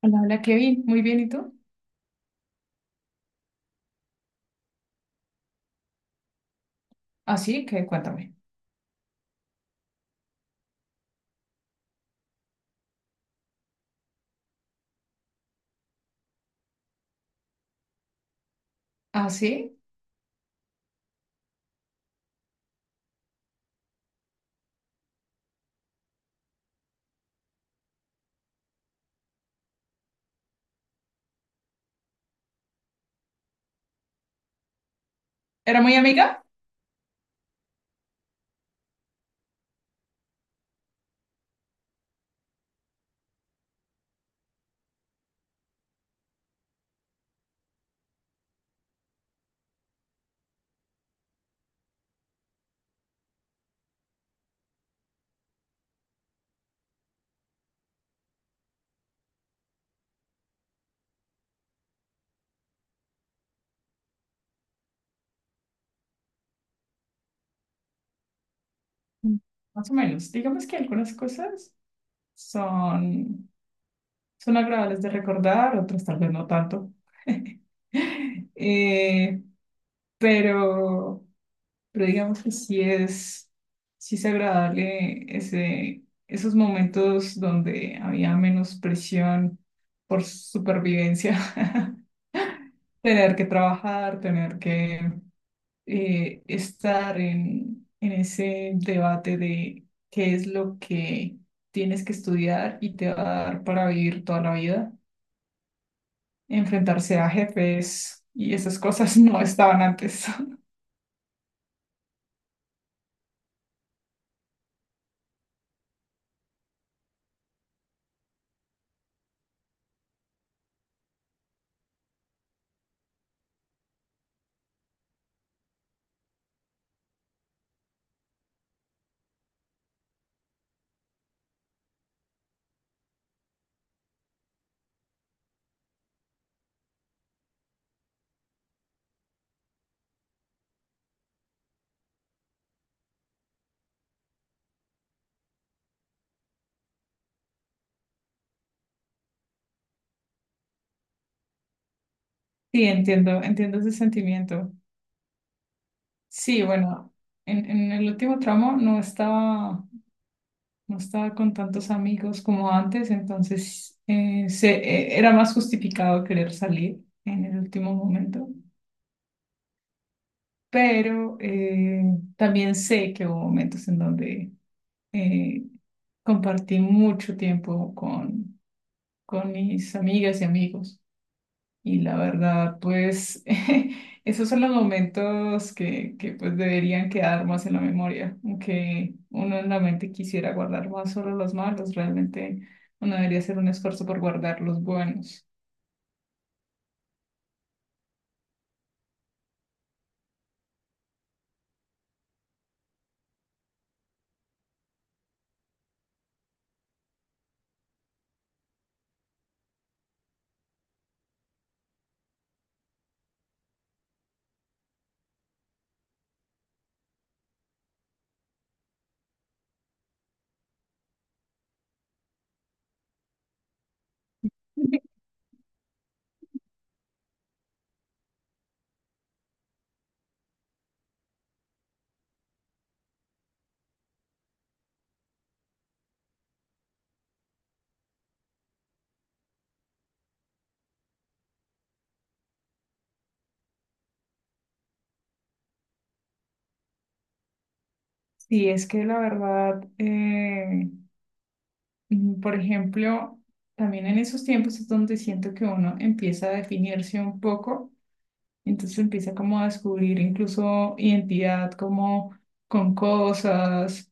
Hola, hola Kevin, muy bien, ¿y tú? Ah, sí, que cuéntame. Ah, sí, ¿era muy amiga? Mm, más o menos. Digamos que algunas cosas son, son agradables de recordar, otras tal vez no tanto. Eh, pero, pero digamos que sí es agradable esos momentos donde había menos presión por supervivencia. Tener que trabajar, tener que estar en ese debate de qué es lo que tienes que estudiar y te va a dar para vivir toda la vida. Enfrentarse a jefes y esas cosas no estaban antes. Sí, entiendo, entiendo ese sentimiento. Sí, bueno, en el último tramo no estaba con tantos amigos como antes, entonces era más justificado querer salir en el último momento. Pero también sé que hubo momentos en donde eh, compartí mucho tiempo con mis amigas y amigos. Y la verdad, pues esos son los momentos que pues deberían quedar más en la memoria, aunque uno en la mente quisiera guardar más solo los malos, realmente uno debería hacer un esfuerzo por guardar los buenos. Sí, es que la verdad, mm, por ejemplo, también en esos tiempos es donde siento que uno empieza a definirse un poco, entonces empieza como a descubrir incluso identidad como con cosas,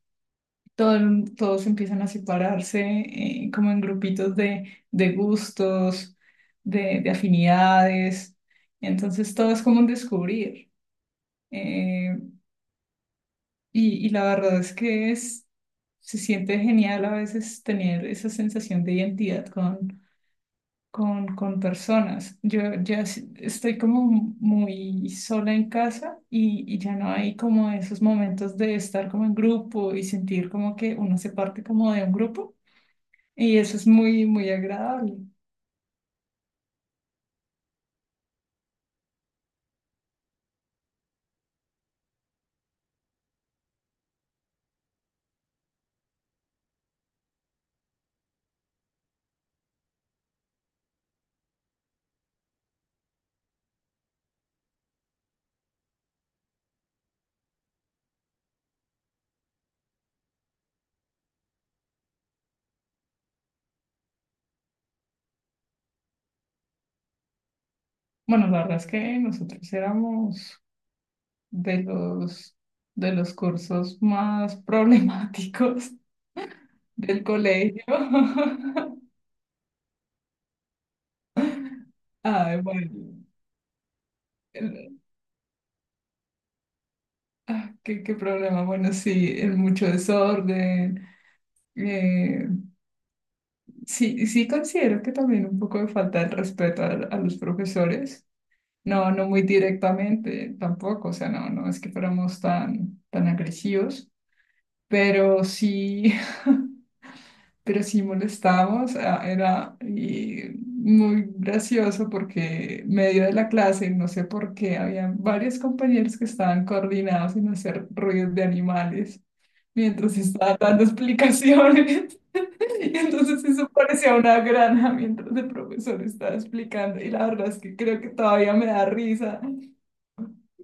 todos empiezan a separarse, como en grupitos de gustos, de afinidades, entonces todo es como un descubrir. eh, y la verdad es que es, se siente genial a veces tener esa sensación de identidad con con personas. Estoy como muy sola en casa y ya no hay como esos momentos de estar como en grupo y sentir como que uno se parte como de un grupo y eso es muy, muy agradable. Bueno, la verdad es que nosotros éramos de los, de los cursos más problemáticos del colegio. Ay, bueno. el- ¿Qué, qué problema? Bueno, sí, el mucho desorden, eh, sí, sí considero que también un poco de falta de respeto a los profesores. No, no muy directamente tampoco, o sea, no, no es que fuéramos tan agresivos, pero sí, pero sí molestábamos, ah, era y muy gracioso porque medio de la clase, no sé por qué, había varios compañeros que estaban coordinados en hacer ruidos de animales mientras estaba dando explicaciones. Y entonces eso parecía una granja mientras el profesor estaba explicando y la verdad es que creo que todavía me da risa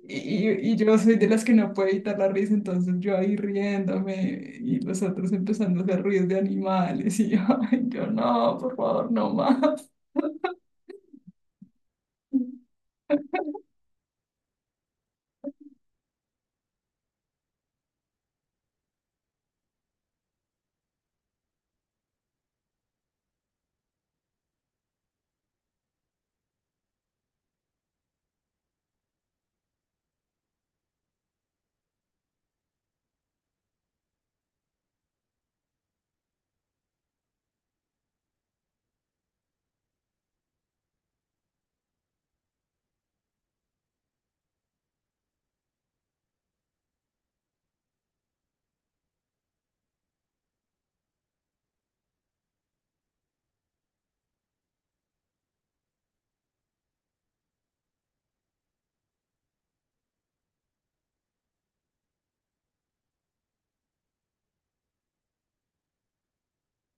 y yo soy de las que no puede evitar la risa, entonces yo ahí riéndome y los otros empezando a hacer ruidos de animales y yo, ay, yo no, por favor, no más.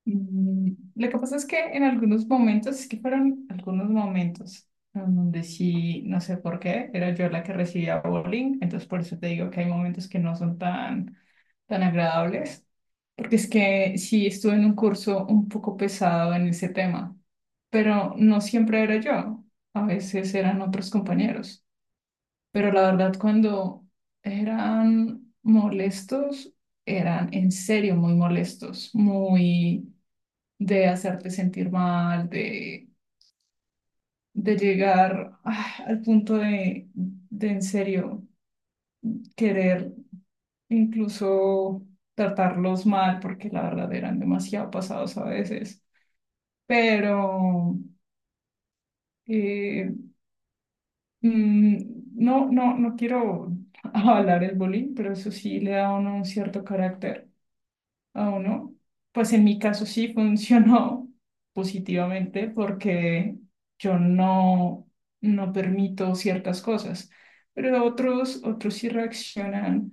Mm, lo que pasa es que en algunos momentos, es que fueron algunos momentos en donde sí, no sé por qué, era yo la que recibía bullying, entonces por eso te digo que hay momentos que no son tan, tan agradables, porque es que sí estuve en un curso un poco pesado en ese tema, pero no siempre era yo, a veces eran otros compañeros, pero la verdad cuando eran molestos, eran en serio muy molestos, muy de hacerte sentir mal, de llegar ah, al punto de en serio querer incluso tratarlos mal, porque la verdad eran demasiado pasados a veces. Pero eh, mm, no, no, no quiero avalar el bullying, pero eso sí le da a uno un cierto carácter a uno. Pues en mi caso sí funcionó positivamente porque yo no, no permito ciertas cosas, pero otros, otros sí reaccionan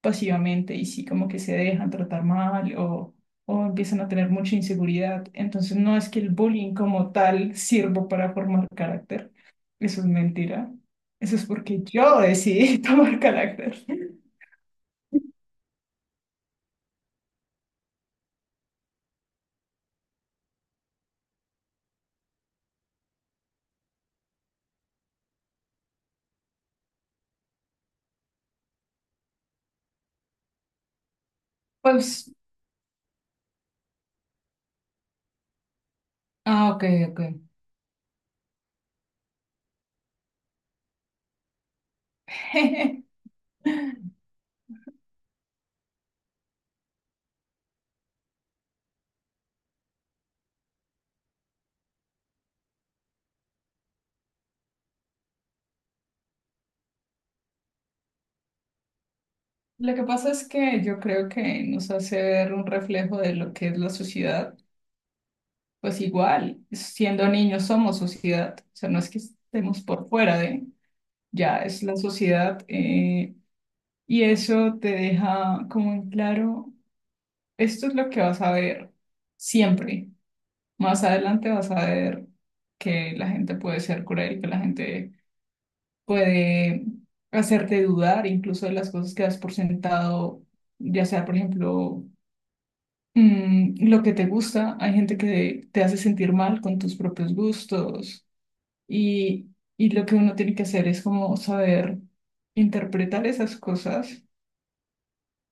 pasivamente y sí como que se dejan tratar mal o empiezan a tener mucha inseguridad. Entonces no es que el bullying como tal sirva para formar carácter. Eso es mentira. Eso es porque yo decidí tomar carácter. Pues, ah, ok, ok. Lo que pasa es que yo creo que nos hace ver un reflejo de lo que es la sociedad. Pues igual, siendo niños somos sociedad, o sea, no es que estemos por fuera de... Ya es la sociedad, y eso te deja como en claro, esto es lo que vas a ver siempre. Más adelante vas a ver que la gente puede ser cruel, que la gente puede hacerte dudar incluso de las cosas que has por sentado, ya sea, por ejemplo, mm, lo que te gusta. Hay gente que te hace sentir mal con tus propios gustos y, y lo que uno tiene que hacer es como saber interpretar esas cosas.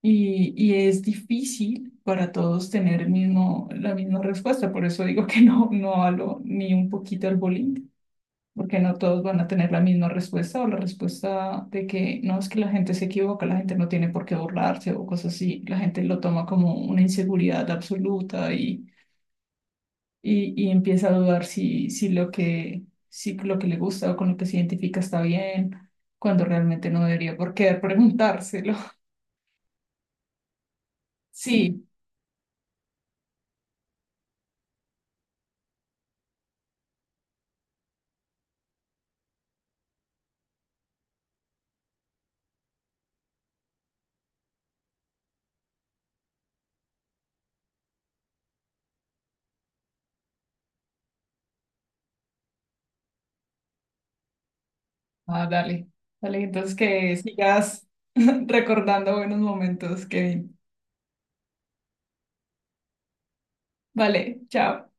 Y es difícil para todos tener el mismo, la misma respuesta. Por eso digo que no, no hablo ni un poquito al bullying, porque no todos van a tener la misma respuesta o la respuesta de que no es que la gente se equivoca, la gente no tiene por qué burlarse o cosas así. La gente lo toma como una inseguridad absoluta y empieza a dudar si lo que le gusta o con lo que se identifica está bien, cuando realmente no debería por qué preguntárselo. Sí, ah, dale, dale, entonces que sigas recordando buenos momentos, Kevin. Vale, chao.